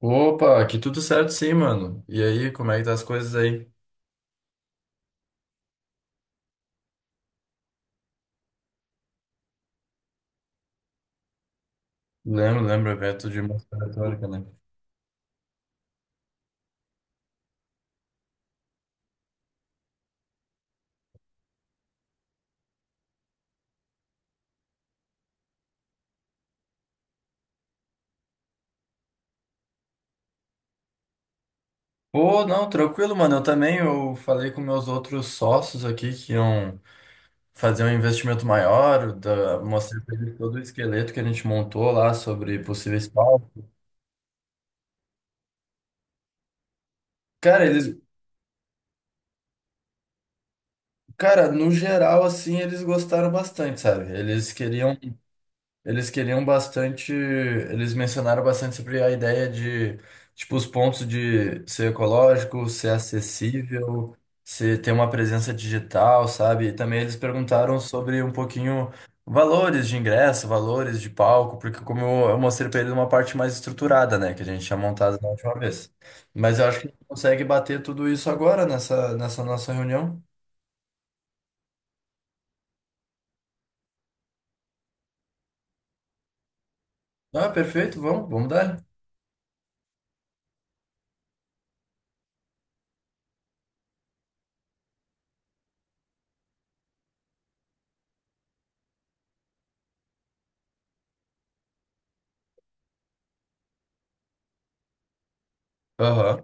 Opa, aqui tudo certo sim, mano. E aí, como é que tá as coisas aí? Lembro, lembro, evento de música retórica, né? Pô, não, tranquilo, mano. Eu também, eu falei com meus outros sócios aqui que iam fazer um investimento maior, mostrei pra eles todo o esqueleto que a gente montou lá sobre possíveis palcos. Cara, eles, cara, no geral, assim, eles gostaram bastante, sabe? Eles queriam bastante, eles mencionaram bastante sobre a ideia de, tipo, os pontos de ser ecológico, ser acessível, ter uma presença digital, sabe? E também eles perguntaram sobre um pouquinho valores de ingresso, valores de palco, porque como eu mostrei para eles uma parte mais estruturada, né, que a gente tinha montado na última vez. Mas eu acho que a gente consegue bater tudo isso agora nessa nossa reunião. Ah, perfeito, vamos dar. Aham,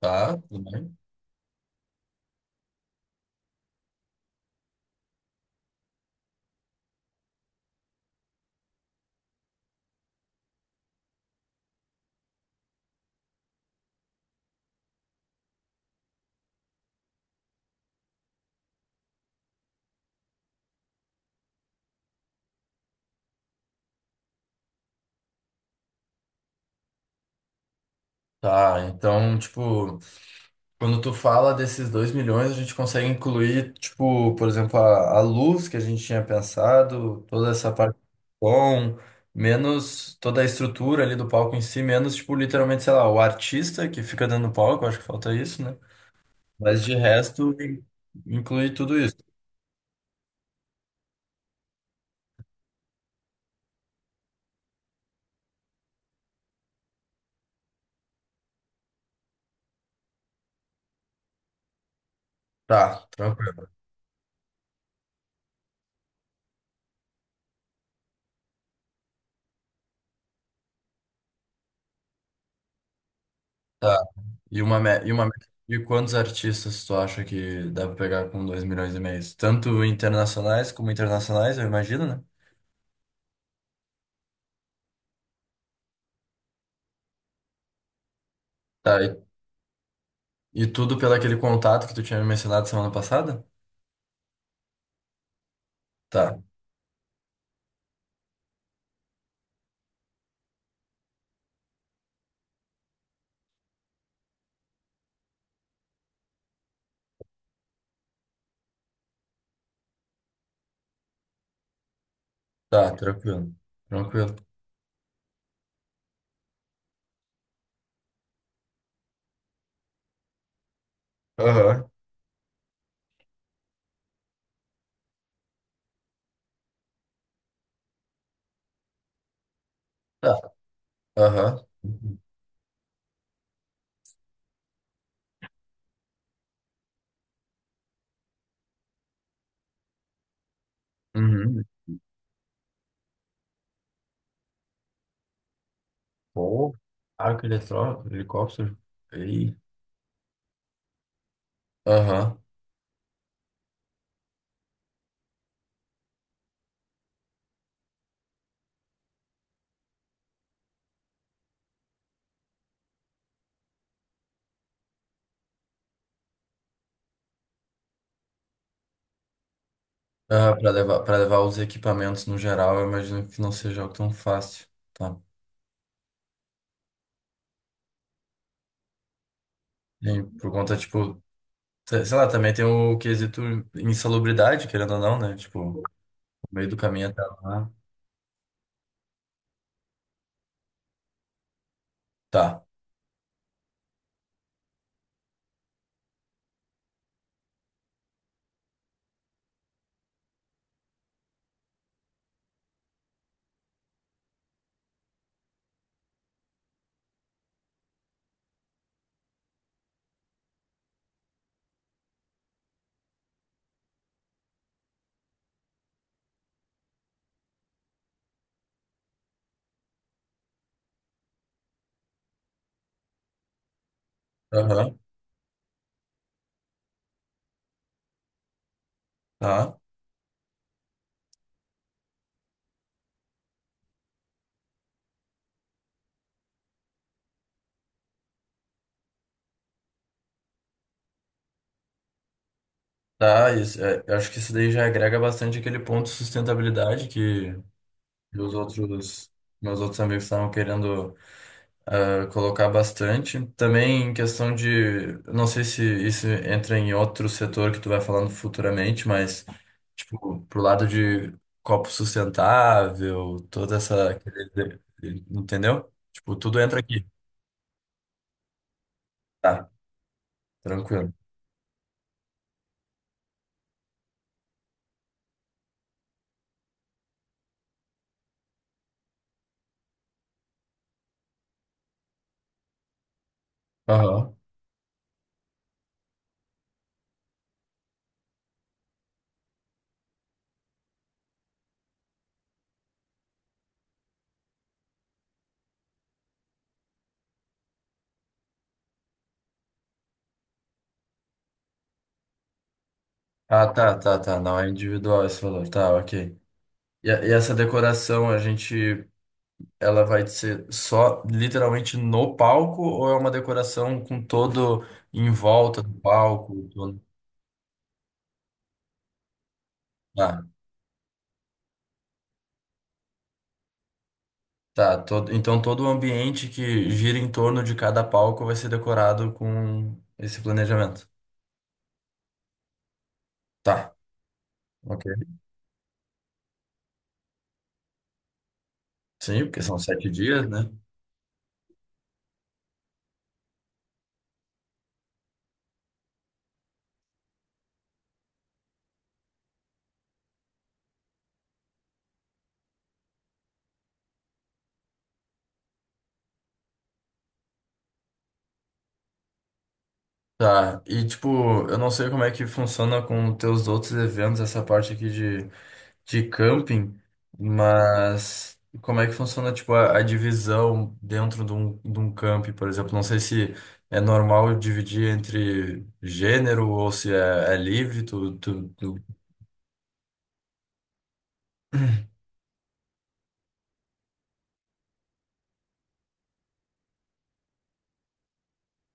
tá, tudo bem. Tá, então, tipo. Quando tu fala desses 2 milhões, a gente consegue incluir, tipo, por exemplo, a luz que a gente tinha pensado, toda essa parte do som, menos toda a estrutura ali do palco em si, menos, tipo, literalmente, sei lá, o artista que fica dentro do palco, acho que falta isso, né? Mas de resto, inclui tudo isso. Tá, tranquilo. Tá. E uma meta de quantos artistas tu acha que dá pra pegar com 2,5 milhões? Tanto internacionais como internacionais, eu imagino, né? Tá, e tudo pelo aquele contato que tu tinha me mencionado semana passada? Tá, tá, tranquilo. Tranquilo. Aham. Tá, aham. Uhum. Uhum. Pô, helicóptero. Ei. Aham. Aham, para levar os equipamentos no geral, eu imagino que não seja algo tão fácil. Tá. E por conta, tipo, sei lá, também tem o quesito insalubridade, querendo ou não, né? Tipo, no meio do caminho até lá. Tá. Aham. Tá. Tá, isso, é, eu acho que isso daí já agrega bastante aquele ponto de sustentabilidade que os outros, meus outros amigos estavam querendo colocar bastante. Também em questão de, não sei se isso entra em outro setor que tu vai falando futuramente, mas tipo, pro lado de copo sustentável, toda essa, entendeu? Tipo, tudo entra aqui. Tá, tranquilo. Aham. Ah, tá, tá, tá, não é individual esse valor, tá, ok. E essa decoração, ela vai ser só literalmente no palco ou é uma decoração com todo em volta do palco? Ah, tá. Todo o ambiente que gira em torno de cada palco vai ser decorado com esse planejamento. Tá, ok. Sim, porque são 7 dias, né? Tá, e tipo, eu não sei como é que funciona com os teus outros eventos, essa parte aqui de camping, mas como é que funciona, tipo, a divisão dentro de um camping, por exemplo? Não sei se é normal dividir entre gênero ou se é livre.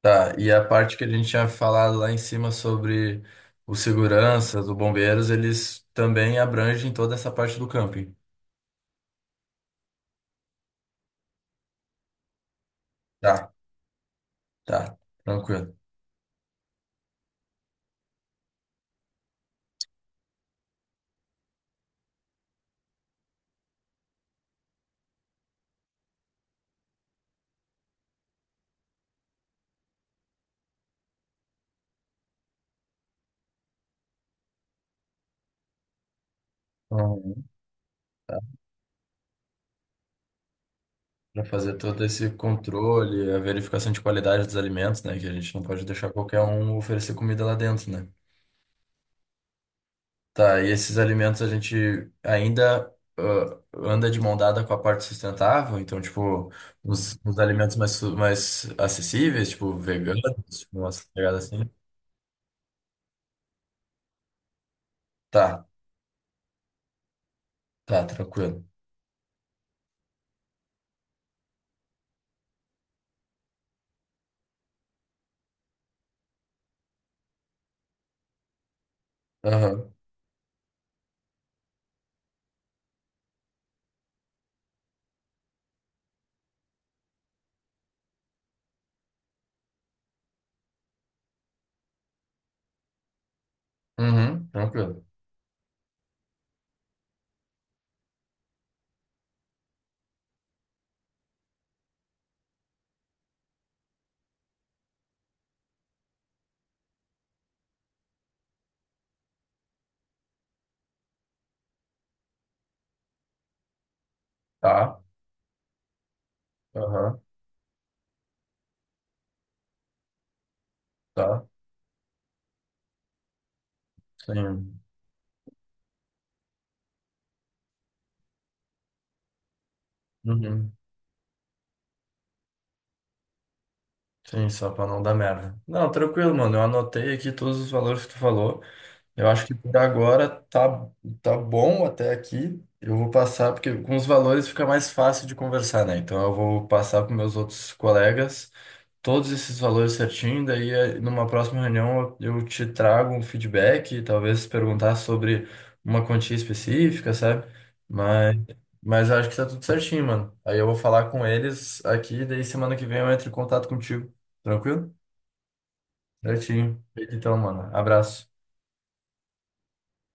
Tá, e a parte que a gente tinha falado lá em cima sobre os seguranças, os bombeiros, eles também abrangem toda essa parte do camping. Tá, tá, tranquilo. Para fazer todo esse controle, a verificação de qualidade dos alimentos, né? Que a gente não pode deixar qualquer um oferecer comida lá dentro, né? Tá, e esses alimentos a gente ainda anda de mão dada com a parte sustentável, então, tipo, os alimentos mais acessíveis, tipo, veganos, tipo, umas pegadas assim. Tá, tá, tranquilo. Aham. Uhum, tranquilo. Tá, aham, tá, sim. Uhum. Sim, só pra não dar merda. Não, tranquilo, mano. Eu anotei aqui todos os valores que tu falou. Eu acho que por agora tá bom até aqui. Eu vou passar, porque com os valores fica mais fácil de conversar, né? Então eu vou passar para meus outros colegas todos esses valores certinho. Daí numa próxima reunião eu te trago um feedback, talvez perguntar sobre uma quantia específica, sabe? Mas, mas eu acho que tá tudo certinho, mano. Aí eu vou falar com eles aqui, daí semana que vem eu entro em contato contigo. Tranquilo? Certinho. Feito. Então, mano, abraço.